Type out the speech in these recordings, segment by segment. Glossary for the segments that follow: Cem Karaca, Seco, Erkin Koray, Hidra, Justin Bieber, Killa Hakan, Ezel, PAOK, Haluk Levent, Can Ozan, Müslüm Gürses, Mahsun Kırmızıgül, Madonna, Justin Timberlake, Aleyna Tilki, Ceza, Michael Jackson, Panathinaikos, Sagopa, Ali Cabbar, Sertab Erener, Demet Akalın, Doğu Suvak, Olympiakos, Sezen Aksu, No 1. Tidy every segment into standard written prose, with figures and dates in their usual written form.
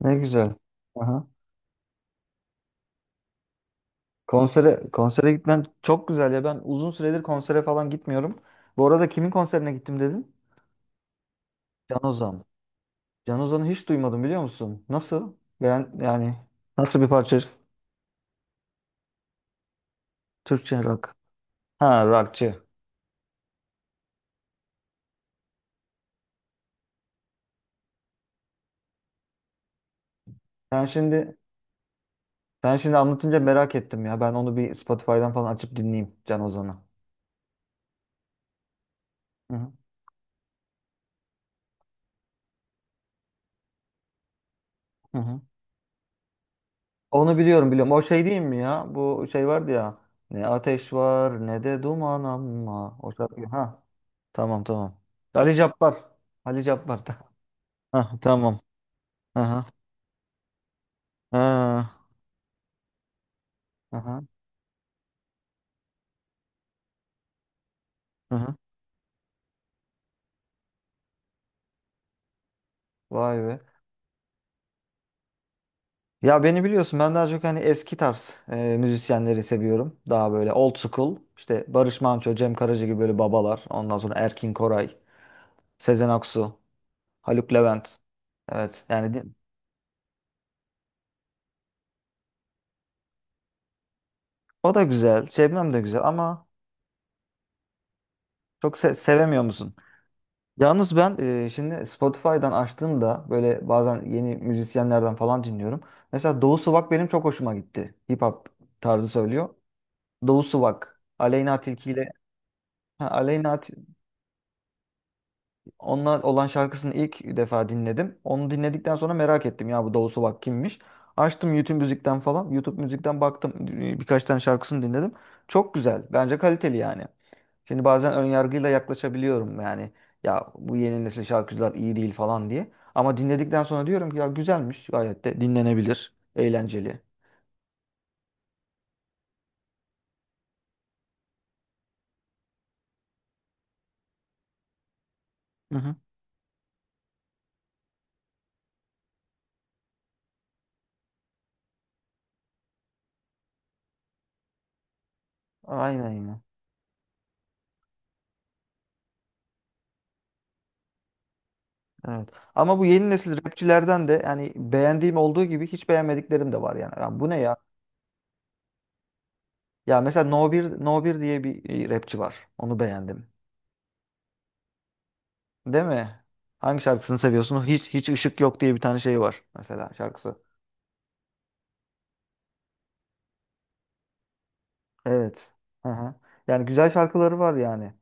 Ne güzel. Aha. Konsere gitmen çok güzel ya. Ben uzun süredir konsere falan gitmiyorum. Bu arada kimin konserine gittim dedin? Can Ozan. Can Ozan'ı hiç duymadım biliyor musun? Nasıl? Ben yani nasıl bir parça? Türkçe rock. Ha rockçı. Ben şimdi ben şimdi anlatınca merak ettim ya. Ben onu bir Spotify'dan falan açıp dinleyeyim Can Ozan'ı. Hı hı. Hı hı. Onu biliyorum. O şey değil mi ya? Bu şey vardı ya. Ne ateş var ne de duman ama. O şarkı. Ha. Tamam. Ali Cabbar. Ali Cabbar da. Hah, tamam. Aha. Ha. Aha. Aha. Vay be. Ya beni biliyorsun, ben daha çok hani eski tarz müzisyenleri seviyorum. Daha böyle old school. İşte Barış Manço, Cem Karaca gibi böyle babalar. Ondan sonra Erkin Koray, Sezen Aksu, Haluk Levent. Evet yani o da güzel. Şebnem de güzel ama çok sevemiyor musun? Yalnız ben şimdi Spotify'dan açtığımda böyle bazen yeni müzisyenlerden falan dinliyorum. Mesela Doğu Suvak benim çok hoşuma gitti. Hip hop tarzı söylüyor. Doğu Suvak, Aleyna Tilki ile ha, onunla olan şarkısını ilk defa dinledim. Onu dinledikten sonra merak ettim ya bu Doğu Suvak kimmiş. Açtım YouTube müzikten falan. YouTube müzikten baktım, birkaç tane şarkısını dinledim. Çok güzel. Bence kaliteli yani. Şimdi bazen ön yargıyla yaklaşabiliyorum yani, ya bu yeni nesil şarkıcılar iyi değil falan diye. Ama dinledikten sonra diyorum ki ya güzelmiş, gayet de dinlenebilir, eğlenceli. Hı hı. Aynen ya. Evet. Ama bu yeni nesil rapçilerden de yani beğendiğim olduğu gibi hiç beğenmediklerim de var yani. Ya bu ne ya? Ya mesela No 1 diye bir rapçi var. Onu beğendim. Değil mi? Hangi şarkısını seviyorsun? Hiç ışık yok diye bir tane şey var mesela şarkısı. Evet. Hı hı. Yani güzel şarkıları var yani.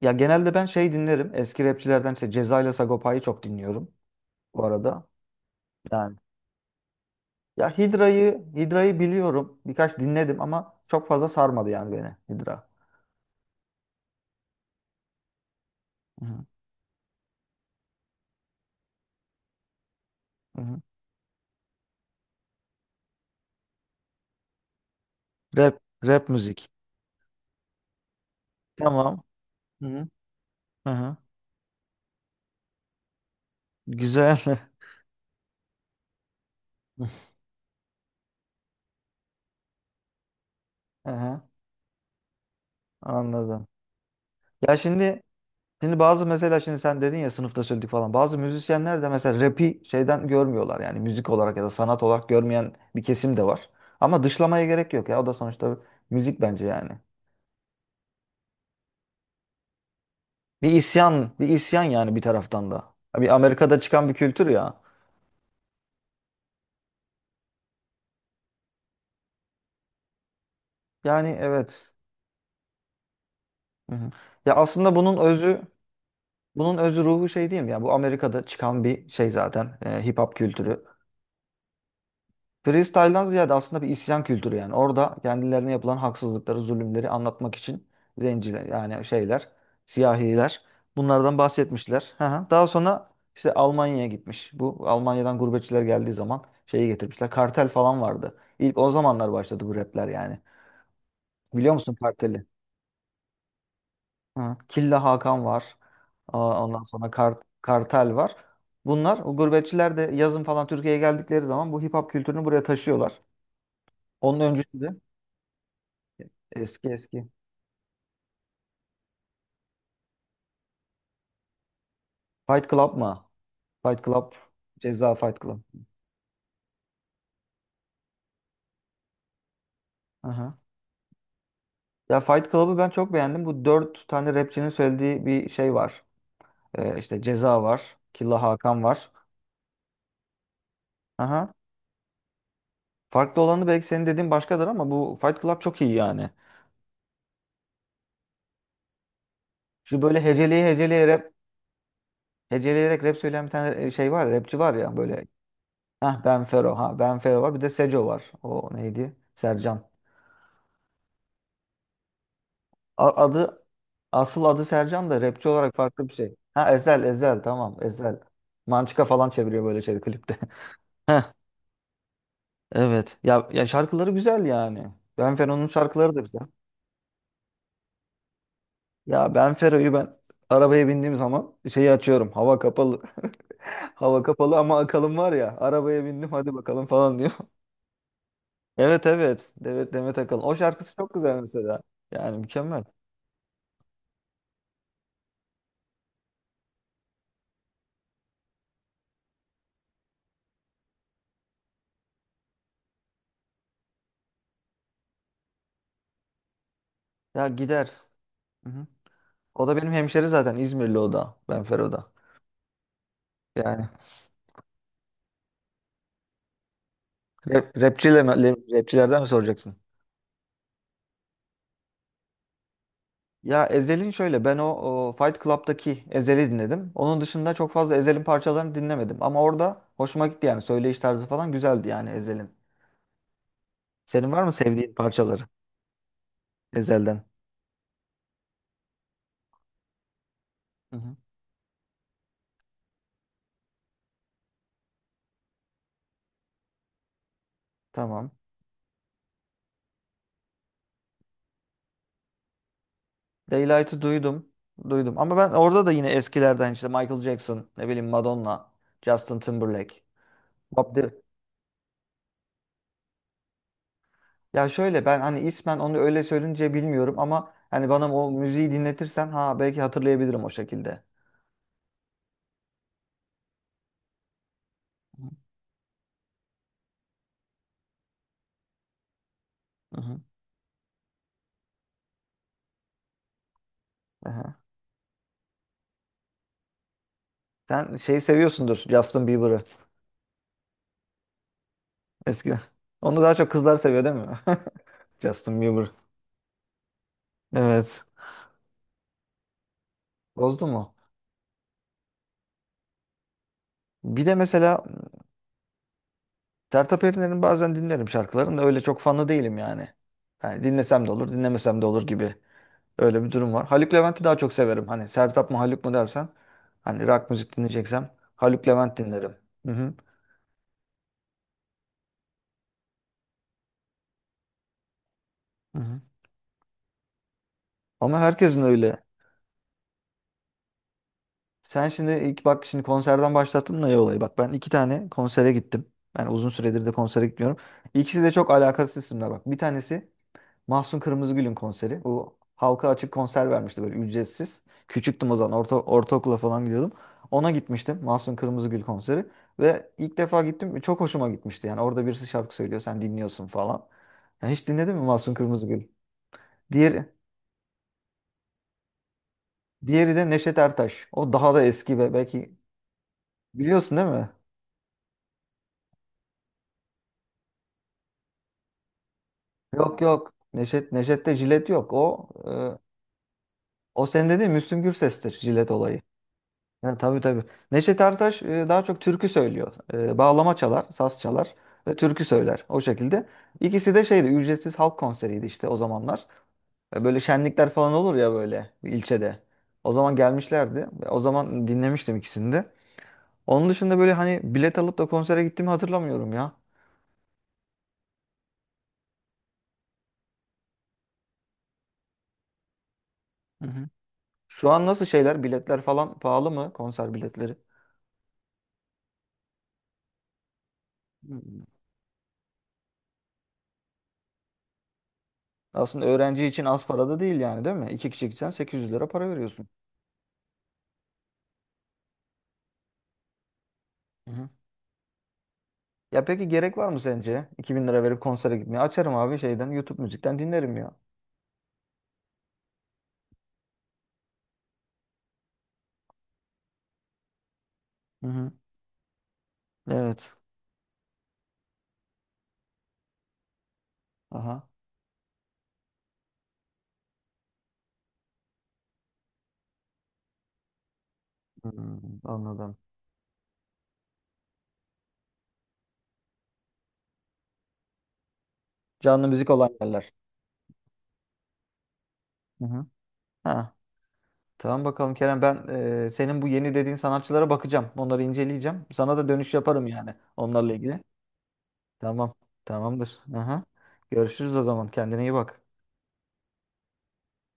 Ya genelde ben şey dinlerim. Eski rapçilerden işte Ceza ile Sagopa'yı çok dinliyorum bu arada. Yani ya Hidra'yı biliyorum. Birkaç dinledim ama çok fazla sarmadı yani beni. Hidra. Hı hı. Hı hı. Rap müzik. Tamam. Hı hı. Hı hı. Güzel. Hı hı. Anladım. Ya şimdi şimdi bazı mesela şimdi sen dedin ya sınıfta söyledik falan. Bazı müzisyenler de mesela rap'i şeyden görmüyorlar. Yani müzik olarak ya da sanat olarak görmeyen bir kesim de var. Ama dışlamaya gerek yok ya. O da sonuçta müzik bence yani. Bir isyan yani bir taraftan da. Bir Amerika'da çıkan bir kültür ya. Yani evet. Hı hı. Ya aslında bunun özü ruhu şey diyeyim ya. Bu Amerika'da çıkan bir şey zaten. Hip hop kültürü. Freestyle'dan ziyade aslında bir isyan kültürü yani. Orada kendilerine yapılan haksızlıkları, zulümleri anlatmak için zenciler yani şeyler, siyahiler bunlardan bahsetmişler. Hı hı. Daha sonra işte Almanya'ya gitmiş. Bu Almanya'dan gurbetçiler geldiği zaman şeyi getirmişler. Kartel falan vardı. İlk o zamanlar başladı bu rapler yani. Biliyor musun karteli? Hı. Killa Hakan var. Aa, ondan sonra kartel var. Bunlar o gurbetçiler de yazın falan Türkiye'ye geldikleri zaman bu hip hop kültürünü buraya taşıyorlar. Onun öncesi de eski eski. Fight Club mı? Fight Club. Ceza Fight Club. Aha. Ya Fight Club'ı ben çok beğendim. Bu dört tane rapçinin söylediği bir şey var. İşte Ceza var. Killa Hakan var. Aha. Farklı olanı belki senin dediğin başkadır ama bu Fight Club çok iyi yani. Şu böyle heceleyerek rap söyleyen bir tane şey var ya, rapçi var ya böyle. Hah Ben Fero. Ha Ben Fero var. Bir de Seco var. O neydi? Sercan. Adı, asıl adı Sercan da rapçi olarak farklı bir şey. Ha Ezel tamam Ezel. Mançika falan çeviriyor böyle şey klipte. Heh, evet. Ya ya şarkıları güzel yani. Benfero'nun şarkıları da güzel. Ya Benfero'yu ben arabaya bindiğim zaman şeyi açıyorum. Hava kapalı. Hava kapalı ama Akalın var ya. Arabaya bindim hadi bakalım falan diyor. Evet. Evet Demet Akalın. O şarkısı çok güzel mesela. Yani mükemmel. Ya gider. Hı hı. O da benim hemşeri zaten. İzmirli o da. Benfero da. Yani rapçilerden mi soracaksın? Ya Ezhel'in şöyle ben o Fight Club'daki Ezhel'i dinledim. Onun dışında çok fazla Ezhel'in parçalarını dinlemedim. Ama orada hoşuma gitti, yani söyleyiş tarzı falan güzeldi yani Ezhel'in. Senin var mı sevdiğin parçaları Ezhel'den? Hı hı. Tamam. Daylight'ı duydum. Duydum. Ama ben orada da yine eskilerden işte Michael Jackson, ne bileyim Madonna, Justin Timberlake, Bob, ya şöyle ben hani ismen onu öyle söyleyince bilmiyorum, ama hani bana o müziği dinletirsen ha belki hatırlayabilirim o şekilde. Hı hı. Aha. Sen şeyi seviyorsundur, Justin Bieber'ı eskiden. Onu daha çok kızlar seviyor değil mi? Justin Bieber. Evet. Bozdu mu? Bir de mesela Sertab Erener'in bazen dinlerim şarkılarını, da öyle çok fanı değilim yani. Yani dinlesem de olur, dinlemesem de olur gibi. Öyle bir durum var. Haluk Levent'i daha çok severim. Hani Sertab mı Haluk mu dersen, hani rock müzik dinleyeceksem Haluk Levent dinlerim. Hı hı. Hı hı. Ama herkesin öyle. Sen şimdi ilk bak şimdi konserden başlattın da ya olayı. Bak ben iki tane konsere gittim. Yani uzun süredir de konsere gitmiyorum. İkisi de çok alakasız isimler bak. Bir tanesi Mahsun Kırmızıgül'ün konseri. Bu halka açık konser vermişti böyle ücretsiz. Küçüktüm o zaman, ortaokula falan gidiyordum. Ona gitmiştim, Mahsun Kırmızıgül konseri. Ve ilk defa gittim, çok hoşuma gitmişti. Yani orada birisi şarkı söylüyor sen dinliyorsun falan. Yani hiç dinledin mi Mahsun Kırmızıgül? Diğeri, diğeri de Neşet Ertaş. O daha da eski ve belki biliyorsun değil mi? Yok yok Neşet'te jilet yok. E, o senin dediğin Müslüm Gürses'tir, jilet olayı. Yani tabii tabii. Neşet Ertaş daha çok türkü söylüyor. E, bağlama çalar, saz çalar ve türkü söyler. O şekilde. İkisi de şeydi, ücretsiz halk konseriydi işte o zamanlar. E, böyle şenlikler falan olur ya böyle bir ilçede. O zaman gelmişlerdi. Ve o zaman dinlemiştim ikisini de. Onun dışında böyle hani bilet alıp da konsere gittiğimi hatırlamıyorum ya. Hı hı. Şu an nasıl şeyler? Biletler falan pahalı mı? Konser biletleri. Hı. Aslında öğrenci için az para da değil yani değil mi? İki kişi gitsen 800 lira para veriyorsun. Ya peki gerek var mı sence? 2000 lira verip konsere gitmeye. Açarım abi şeyden YouTube müzikten dinlerim ya. Hı hı. Evet. Aha. Hmm, anladım. Anladım. Canlı müzik olan yerler. Hı hı. Ha. Tamam bakalım Kerem, ben senin bu yeni dediğin sanatçılara bakacağım. Onları inceleyeceğim. Sana da dönüş yaparım yani onlarla ilgili. Tamam. Tamamdır. Aha. Görüşürüz o zaman. Kendine iyi bak.